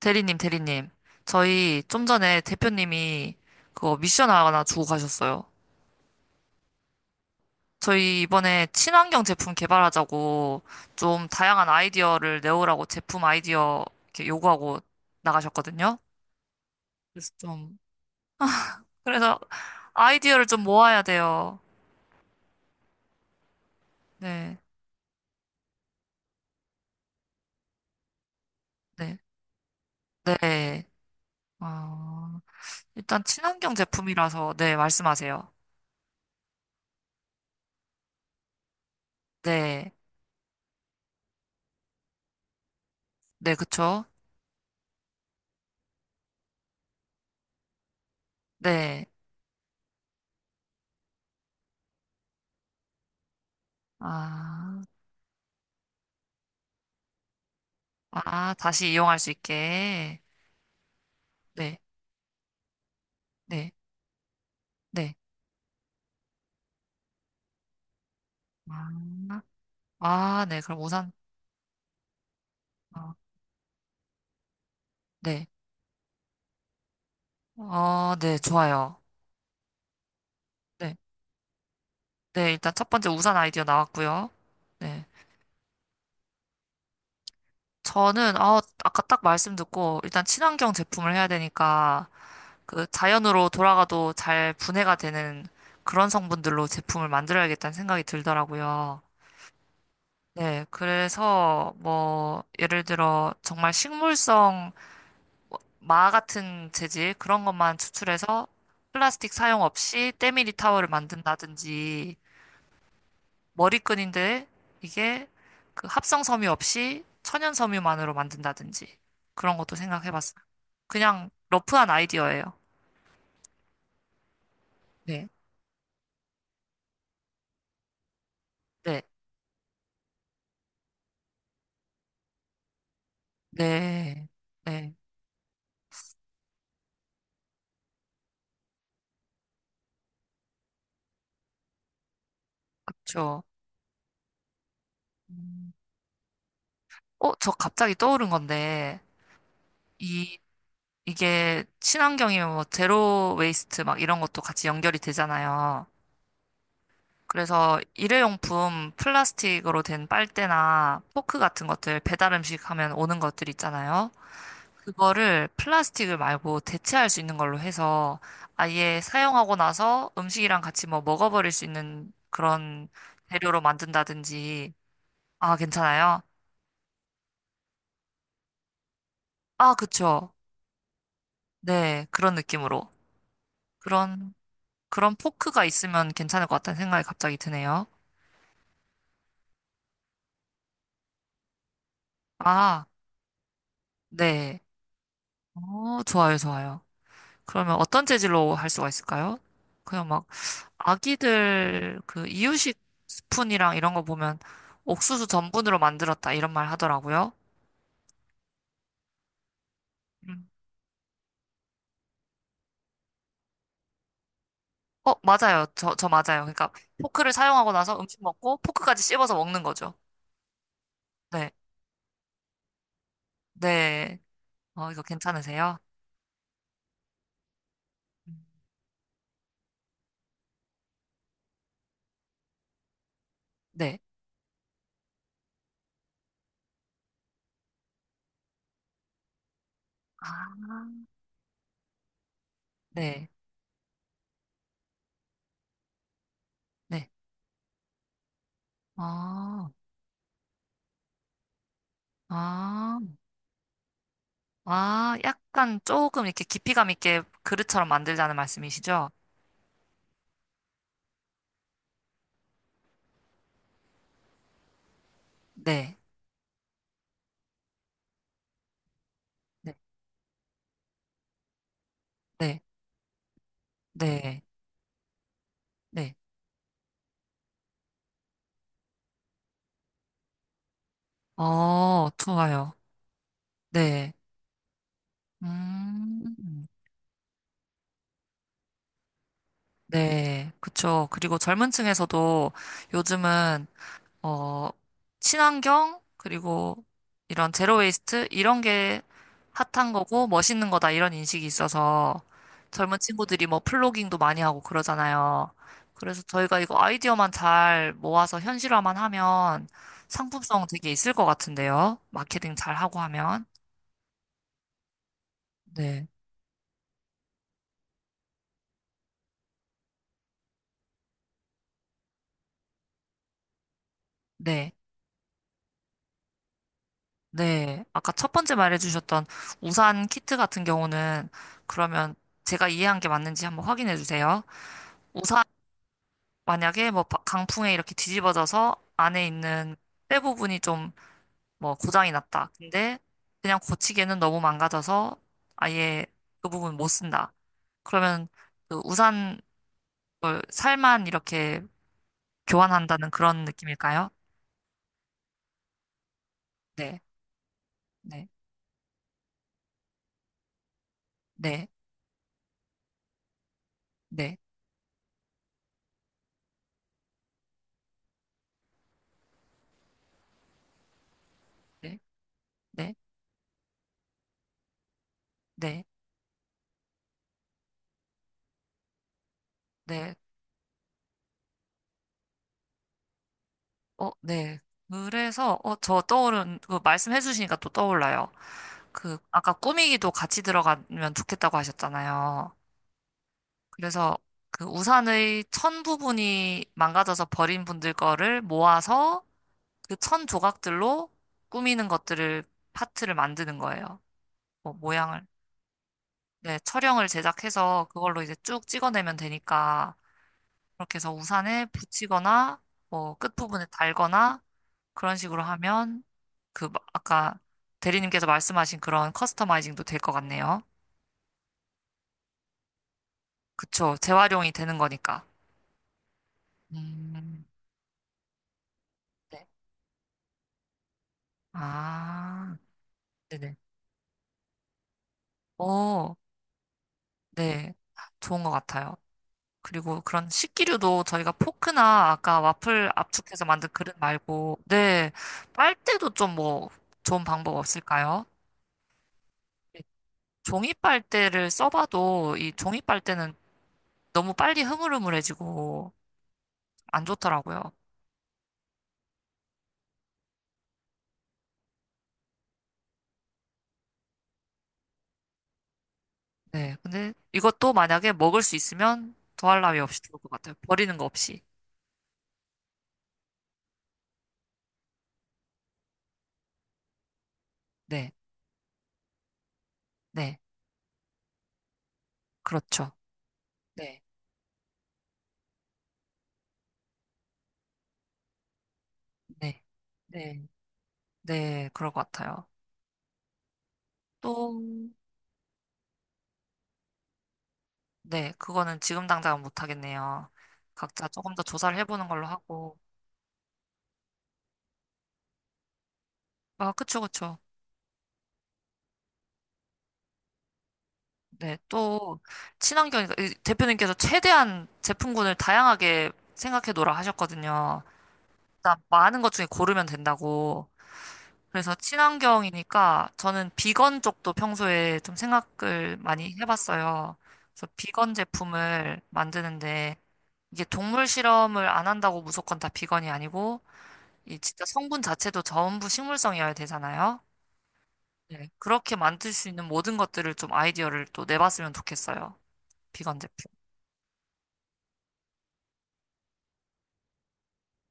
대리님, 대리님. 저희 좀 전에 대표님이 그거 미션 하나 주고 가셨어요. 저희 이번에 친환경 제품 개발하자고 좀 다양한 아이디어를 내오라고 제품 아이디어 이렇게 요구하고 나가셨거든요. 그래서 좀, 그래서 아이디어를 좀 모아야 돼요. 네, 네, 네. 어, 일단 친환경 제품이라서, 네, 말씀하세요. 네, 네, 그쵸? 네. 아, 아, 다시 이용할 수 있게. 네. 네, 네. 아, 아, 네. 그럼 우산, 어, 네. 어, 네. 좋아요. 네. 네. 일단 첫 번째 우산 아이디어 나왔고요. 네. 저는, 아, 아까 딱 말씀 듣고, 일단 친환경 제품을 해야 되니까, 그 자연으로 돌아가도 잘 분해가 되는 그런 성분들로 제품을 만들어야겠다는 생각이 들더라고요. 네. 그래서, 뭐, 예를 들어, 정말 식물성 마 같은 재질 그런 것만 추출해서 플라스틱 사용 없이 때밀이 타월을 만든다든지 머리끈인데 이게 그 합성 섬유 없이 천연 섬유만으로 만든다든지 그런 것도 생각해 봤어요. 그냥 러프한 아이디어예요. 네. 네. 네. 네. 그쵸. 음. 어, 저 갑자기 떠오른 건데 이 이게 친환경이면 뭐 제로 웨이스트 막 이런 것도 같이 연결이 되잖아요. 그래서 일회용품 플라스틱으로 된 빨대나 포크 같은 것들, 배달 음식 하면 오는 것들 있잖아요. 그거를 플라스틱을 말고 대체할 수 있는 걸로 해서 아예 사용하고 나서 음식이랑 같이 뭐 먹어버릴 수 있는 그런 재료로 만든다든지. 아, 괜찮아요? 아, 그쵸. 네, 그런 느낌으로. 그런, 그런 포크가 있으면 괜찮을 것 같다는 생각이 갑자기 드네요. 아, 네. 어, 좋아요, 좋아요. 그러면 어떤 재질로 할 수가 있을까요? 그냥 막 아기들 그 이유식 스푼이랑 이런 거 보면 옥수수 전분으로 만들었다 이런 말 하더라고요. 음. 어, 맞아요. 저 맞아요. 그러니까 포크를 사용하고 나서 음식 먹고 포크까지 씹어서 먹는 거죠. 네. 네. 어, 이거 괜찮으세요? 음. 네. 아, 네. 네. 아, 아, 아, 약간 조금 이렇게 깊이감 있게 그릇처럼 만들자는 말씀이시죠? 네. 네. 네. 네. 네. 어, 좋아요. 네. 음, 네. 그쵸. 그리고 젊은 층에서도 요즘은, 어, 친환경, 그리고 이런 제로웨이스트, 이런 게 핫한 거고 멋있는 거다, 이런 인식이 있어서 젊은 친구들이 뭐 플로깅도 많이 하고 그러잖아요. 그래서 저희가 이거 아이디어만 잘 모아서 현실화만 하면 상품성 되게 있을 것 같은데요. 마케팅 잘 하고 하면. 네. 네. 네, 아까 첫 번째 말해주셨던 우산 키트 같은 경우는 그러면 제가 이해한 게 맞는지 한번 확인해 주세요. 우산 만약에 뭐 강풍에 이렇게 뒤집어져서 안에 있는 때 부분이 좀 뭐 고장이 났다. 근데 그냥 고치기에는 너무 망가져서 아예 그 부분 못 쓴다. 그러면 그 우산 걸 살만 이렇게 교환한다는 그런 느낌일까요? 네, 네, 네, 네, 네, 네, 네, 네. 네. 어, 네. 그래서, 어, 저 떠오른, 그 말씀해 주시니까 또 떠올라요. 그, 아까 꾸미기도 같이 들어가면 좋겠다고 하셨잖아요. 그래서 그 우산의 천 부분이 망가져서 버린 분들 거를 모아서 그 천 조각들로 꾸미는 것들을, 파트를 만드는 거예요. 뭐, 모양을. 네, 철형을 제작해서 그걸로 이제 쭉 찍어내면 되니까, 그렇게 해서 우산에 붙이거나, 뭐, 끝부분에 달거나, 그런 식으로 하면 그 아까 대리님께서 말씀하신 그런 커스터마이징도 될 것 같네요. 그쵸. 재활용이 되는 거니까. 음, 네. 아, 네네. 오 네. 좋은 것 같아요. 그리고 그런 식기류도 저희가 포크나 아까 와플 압축해서 만든 그릇 말고, 네. 빨대도 좀 뭐, 좋은 방법 없을까요? 네. 종이 빨대를 써봐도 이 종이 빨대는 너무 빨리 흐물흐물해지고 안 좋더라고요. 네. 근데 이것도 만약에 먹을 수 있으면 더할 나위 없이 좋을 것 같아요. 버리는 거 없이. 네. 네. 그렇죠. 네. 네. 네. 네. 그럴 것 같아요. 또, 네. 그거는 지금 당장은 못 하겠네요. 각자 조금 더 조사를 해보는 걸로 하고. 아, 그쵸, 그쵸. 네. 또, 친환경, 대표님께서 최대한 제품군을 다양하게 생각해 놓으라 하셨거든요. 일단 많은 것 중에 고르면 된다고. 그래서 친환경이니까 저는 비건 쪽도 평소에 좀 생각을 많이 해봤어요. 그래서 비건 제품을 만드는데 이게 동물 실험을 안 한다고 무조건 다 비건이 아니고 이 진짜 성분 자체도 전부 식물성이어야 되잖아요. 네, 그렇게 만들 수 있는 모든 것들을 좀 아이디어를 또 내봤으면 좋겠어요. 비건 제품.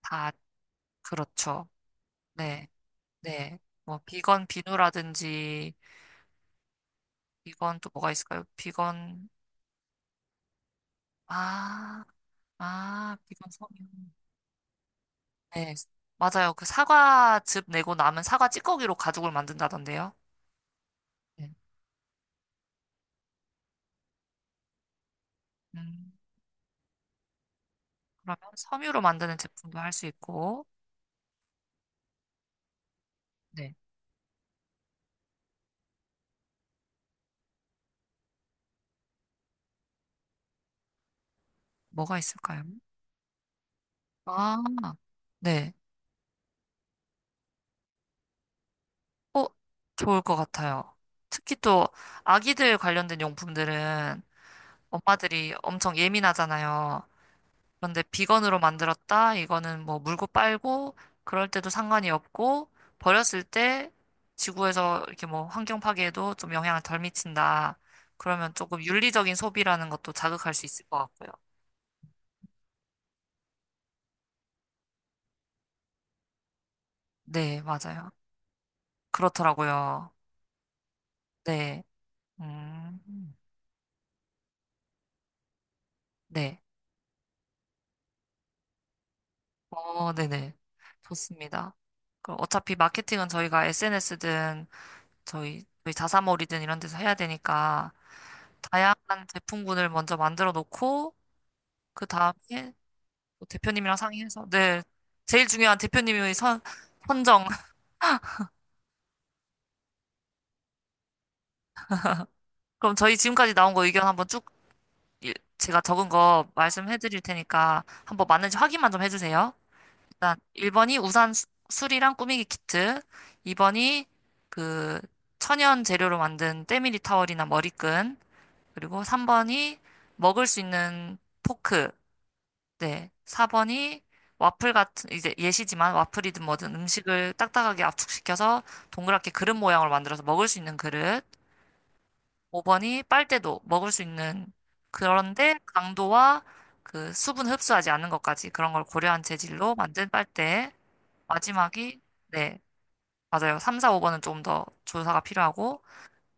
다 그렇죠. 네, 네. 뭐 비건 비누라든지 비건 또 뭐가 있을까요? 비건 아, 아, 비건 섬유. 네, 맞아요. 그 사과즙 내고 남은 사과 찌꺼기로 가죽을 만든다던데요. 네. 음, 그러면 섬유로 만드는 제품도 할 수 있고, 네, 뭐가 있을까요? 아, 네, 어, 좋을 것 같아요. 특히 또 아기들 관련된 용품들은 엄마들이 엄청 예민하잖아요. 그런데 비건으로 만들었다. 이거는 뭐 물고 빨고 그럴 때도 상관이 없고 버렸을 때 지구에서 이렇게 뭐 환경 파괴에도 좀 영향을 덜 미친다. 그러면 조금 윤리적인 소비라는 것도 자극할 수 있을 것 같고요. 네, 맞아요. 그렇더라고요. 네. 음. 네. 어, 네네. 좋습니다. 그럼 어차피 마케팅은 저희가 SNS든 저희 자사몰이든 이런 데서 해야 되니까 다양한 제품군을 먼저 만들어 놓고 그 다음에 또 대표님이랑 상의해서 네 제일 중요한 대표님의 선 선정 그럼 저희 지금까지 나온 거 의견 한번 쭉 제가 적은 거 말씀해드릴 테니까 한번 맞는지 확인만 좀 해주세요. 일단 1번이 우산 수리랑 꾸미기 키트, 2번이 그 천연 재료로 만든 때밀이 타월이나 머리끈, 그리고 3번이 먹을 수 있는 포크, 네. 4번이 와플 같은, 이제 예시지만 와플이든 뭐든 음식을 딱딱하게 압축시켜서 동그랗게 그릇 모양으로 만들어서 먹을 수 있는 그릇. 5번이 빨대도 먹을 수 있는 그런데 강도와 그 수분 흡수하지 않는 것까지 그런 걸 고려한 재질로 만든 빨대. 마지막이, 네. 맞아요. 3, 4, 5번은 좀 더 조사가 필요하고.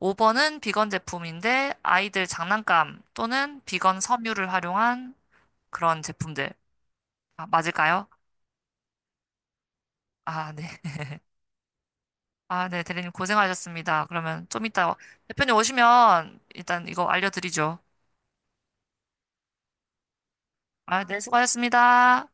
5번은 비건 제품인데 아이들 장난감 또는 비건 섬유를 활용한 그런 제품들. 아, 맞을까요? 아, 네. 아, 네, 대리님 고생하셨습니다. 그러면 좀 이따 대표님 오시면 일단 이거 알려드리죠. 아, 네, 수고하셨습니다.